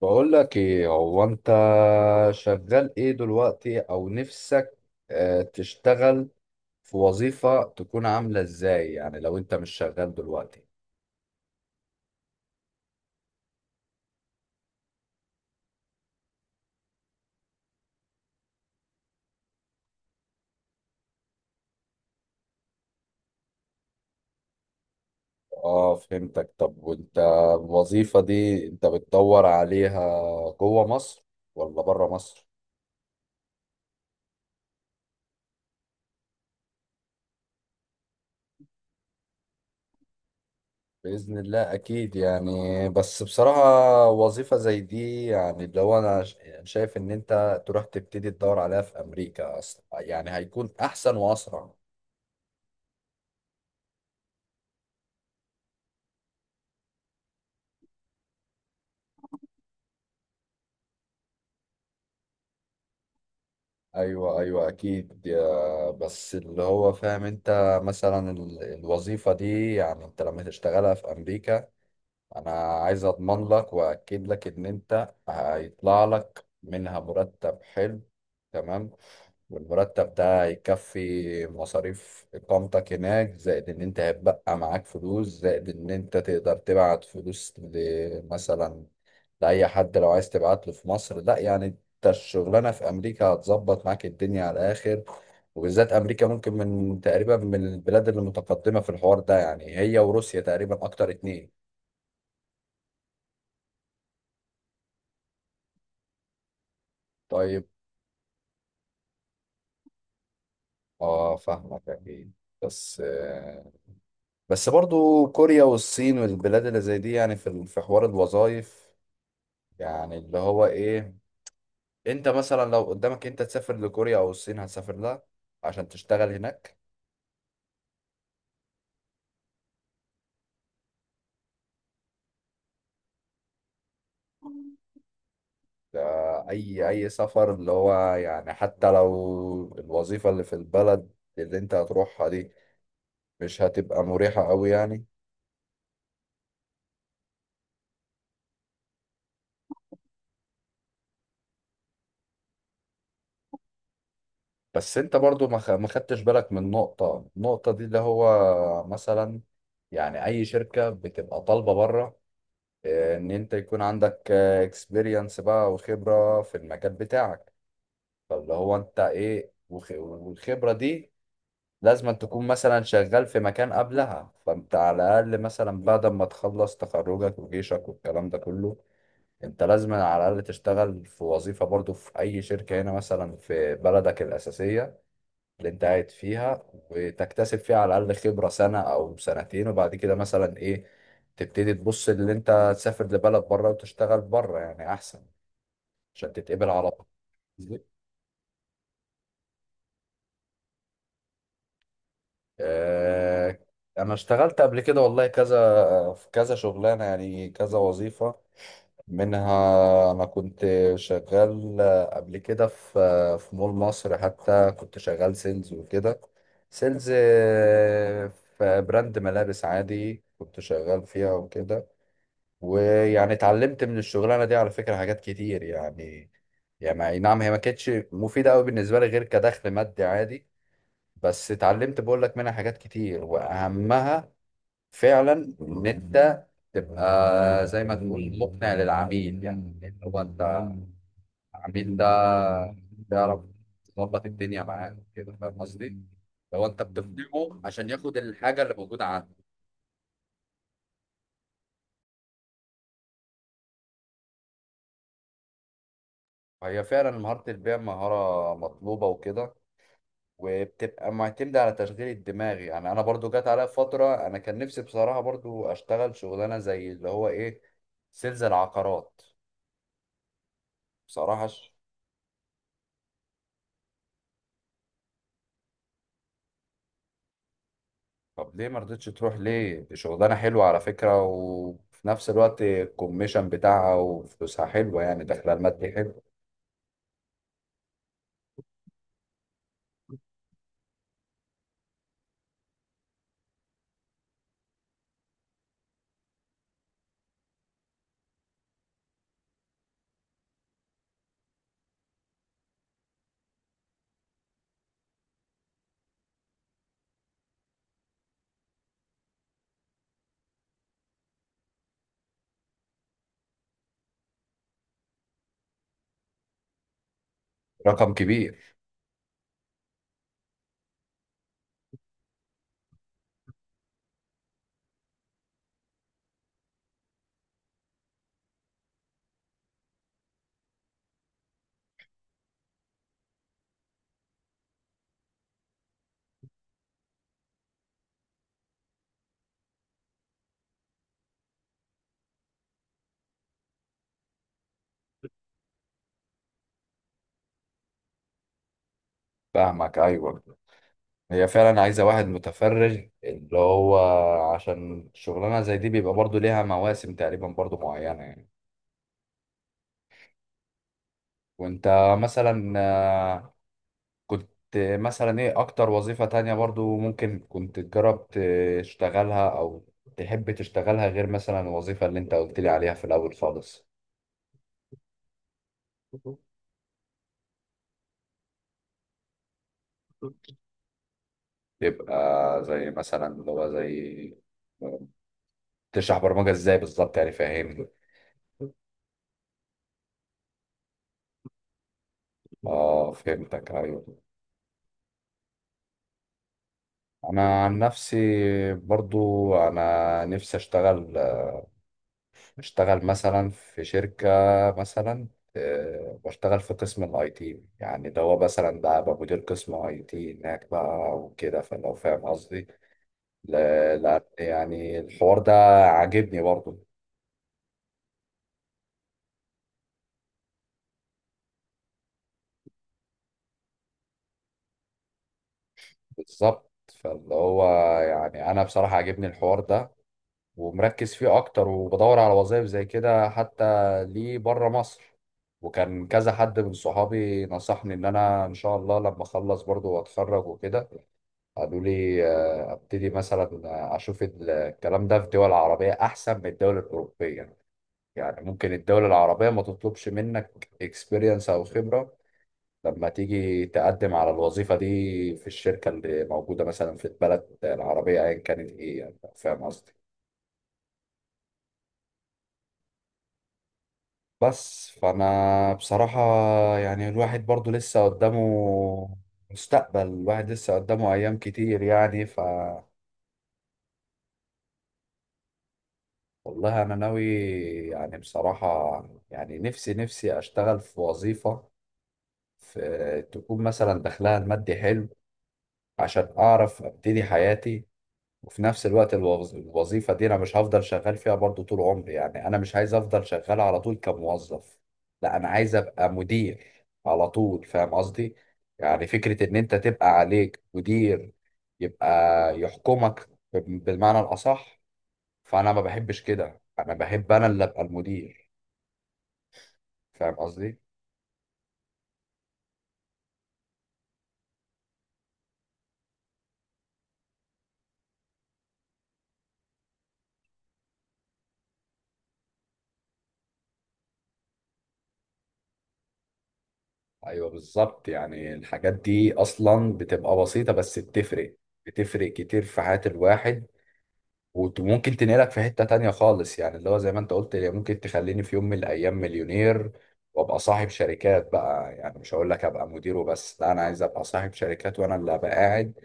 بقول لك ايه هو انت شغال ايه دلوقتي او نفسك؟ تشتغل في وظيفة تكون عاملة ازاي؟ يعني لو انت مش شغال دلوقتي. اه فهمتك. طب وانت الوظيفة دي انت بتدور عليها جوه مصر ولا بره مصر؟ بإذن الله أكيد، يعني بس بصراحة وظيفة زي دي، يعني لو أنا يعني شايف إن أنت تروح تبتدي تدور عليها في أمريكا أصلا، يعني هيكون أحسن وأسرع. ايوه ايوه اكيد، بس اللي هو فاهم، انت مثلا الوظيفه دي يعني انت لما تشتغلها في امريكا، انا عايز اضمن لك واكد لك ان انت هيطلع لك منها مرتب حلو، تمام؟ والمرتب ده هيكفي مصاريف اقامتك هناك، زائد ان انت هيبقى معاك فلوس، زائد ان انت تقدر تبعت فلوس مثلا لاي حد لو عايز تبعت له في مصر. لا يعني انت الشغلانه في امريكا هتظبط معاك الدنيا على الاخر، وبالذات امريكا ممكن من تقريبا من البلاد اللي متقدمه في الحوار ده، يعني هي وروسيا تقريبا اكتر اتنين. طيب. اه فاهمك اكيد. بس آه، بس برضو كوريا والصين والبلاد اللي زي دي يعني في في حوار الوظائف، يعني اللي هو ايه، انت مثلا لو قدامك انت تسافر لكوريا او الصين هتسافر لها عشان تشتغل هناك؟ ده اي سفر اللي هو يعني، حتى لو الوظيفة اللي في البلد اللي انت هتروحها دي مش هتبقى مريحة قوي يعني. بس انت برضو ما خدتش بالك من نقطة، النقطة دي اللي هو مثلا يعني اي شركة بتبقى طالبة بره، اه، ان انت يكون عندك اكسبيرينس بقى وخبرة في المجال بتاعك. فاللي هو انت ايه، والخبرة دي لازم أن تكون مثلا شغال في مكان قبلها، فانت على الاقل مثلا بعد ما تخلص تخرجك وجيشك والكلام ده كله، انت لازم على الاقل تشتغل في وظيفة برضو في اي شركة هنا مثلا في بلدك الاساسية اللي انت قاعد فيها، وتكتسب فيها على الأقل خبرة سنة أو سنتين، وبعد كده مثلا إيه تبتدي تبص اللي انت تسافر لبلد بره وتشتغل بره، يعني أحسن عشان تتقبل على طول. آه، أنا اشتغلت قبل كده والله كذا، في كذا شغلانة، يعني كذا وظيفة. منها أنا كنت شغال قبل كده في مول مصر، حتى كنت شغال سيلز وكده. سيلز في براند ملابس عادي كنت شغال فيها وكده. ويعني اتعلمت من الشغلانة دي على فكرة حاجات كتير يعني. يعني أي نعم هي ما كانتش مفيدة أوي بالنسبة لي غير كدخل مادي عادي، بس اتعلمت بقول لك منها حاجات كتير، وأهمها فعلا ان انت تبقى زي ما تقول مقنع للعميل، يعني ان هو انت العميل ده تعرف تظبط الدنيا معاه كده. فاهم قصدي؟ لو انت بتقنعه عشان ياخد الحاجه اللي موجوده عنده. هي فعلا مهاره البيع مهاره مطلوبه وكده، وبتبقى معتمده على تشغيل الدماغ. يعني انا برضو جت عليا فتره، انا كان نفسي بصراحه برضو اشتغل شغلانه زي اللي هو ايه، سيلز العقارات، بصراحه. طب ليه ما رضيتش تروح؟ ليه؟ شغلانة حلوة على فكرة، وفي نفس الوقت الكوميشن بتاعها وفلوسها حلوة، يعني دخل المادي حلو. رقم كبير. فاهمك، أيوة. هي فعلا عايزة واحد متفرغ، اللي هو عشان شغلانة زي دي بيبقى برضو ليها مواسم تقريبا برضو معينة يعني. وانت مثلا آه، كنت مثلا ايه أكتر وظيفة تانية برضو ممكن كنت تجرب تشتغلها، أو تحب تشتغلها، غير مثلا الوظيفة اللي انت قلت لي عليها في الأول خالص؟ يبقى زي مثلا اللي هو زي تشرح برمجة ازاي بالظبط؟ يعني فاهمني. اه فهمتك، ايوه. انا عن نفسي برضو انا نفسي اشتغل، اشتغل مثلا في شركة مثلا، واشتغل في قسم الاي تي. يعني ده هو مثلا ده ابقى مدير قسم اي تي هناك بقى وكده، فلو فاهم قصدي؟ ل- لان يعني الحوار ده عاجبني برضو. بالظبط. فاللي هو يعني انا بصراحة عاجبني الحوار ده ومركز فيه اكتر، وبدور على وظائف زي كده حتى ليه بره مصر. وكان كذا حد من صحابي نصحني ان انا ان شاء الله لما اخلص برضو واتخرج وكده، قالوا لي ابتدي مثلا اشوف الكلام ده في الدول العربية احسن من الدول الاوروبية. يعني ممكن الدول العربية ما تطلبش منك اكسبيرينس او خبرة لما تيجي تقدم على الوظيفة دي في الشركة اللي موجودة مثلا في البلد العربية ايا كانت، ايه يعني فاهم قصدي؟ بس فانا بصراحة يعني الواحد برضو لسه قدامه، مستقبل الواحد لسه قدامه ايام كتير يعني ف. والله انا ناوي، يعني بصراحة، يعني نفسي نفسي اشتغل في وظيفة في تكون مثلا دخلها المادي حلو عشان اعرف ابتدي حياتي. وفي نفس الوقت الوظيفة دي أنا مش هفضل شغال فيها برضو طول عمري، يعني أنا مش عايز أفضل شغال على طول كموظف. لا أنا عايز أبقى مدير على طول. فاهم قصدي؟ يعني فكرة إن أنت تبقى عليك مدير يبقى يحكمك، بالمعنى الأصح، فأنا ما بحبش كده، أنا بحب أنا اللي أبقى المدير. فاهم قصدي؟ أيوه بالظبط، يعني الحاجات دي أصلا بتبقى بسيطة بس بتفرق، بتفرق كتير في حياة الواحد، وممكن تنقلك في حتة تانية خالص. يعني اللي هو زي ما انت قلت، اللي ممكن تخليني في يوم من الأيام مليونير، وابقى صاحب شركات بقى. يعني مش هقول لك ابقى مدير وبس، لا انا عايز ابقى صاحب شركات وانا اللي ابقى قاعد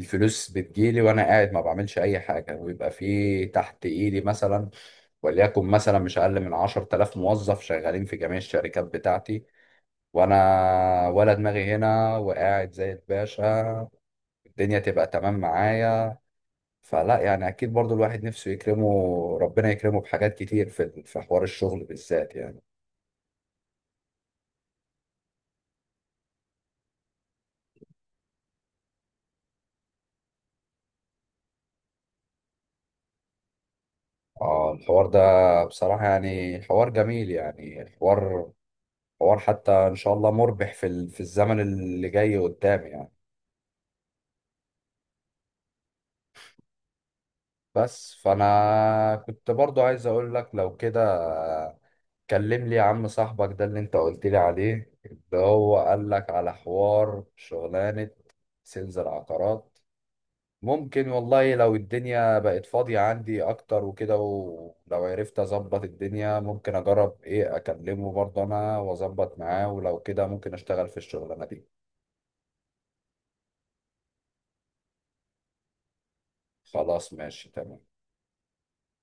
الفلوس بتجيلي، وانا قاعد ما بعملش اي حاجة، ويبقى في تحت ايدي مثلا وليكن مثلا مش اقل من 10000 موظف شغالين في جميع الشركات بتاعتي، وانا ولا دماغي هنا وقاعد زي الباشا، الدنيا تبقى تمام معايا. فلا يعني اكيد برضو الواحد نفسه يكرمه، ربنا يكرمه بحاجات كتير في حوار الشغل بالذات يعني. اه الحوار ده بصراحة يعني حوار جميل، يعني حوار حتى ان شاء الله مربح في في الزمن اللي جاي قدام يعني. بس فانا كنت برضو عايز اقول لك لو كده، كلم لي يا عم صاحبك ده اللي انت قلت لي عليه، اللي هو قال لك على حوار شغلانة سيلز العقارات. ممكن والله لو الدنيا بقت فاضية عندي أكتر وكده، ولو عرفت أظبط الدنيا ممكن أجرب إيه أكلمه برضه أنا وأظبط معاه، ولو كده ممكن أشتغل في الشغلانة دي. خلاص ماشي تمام.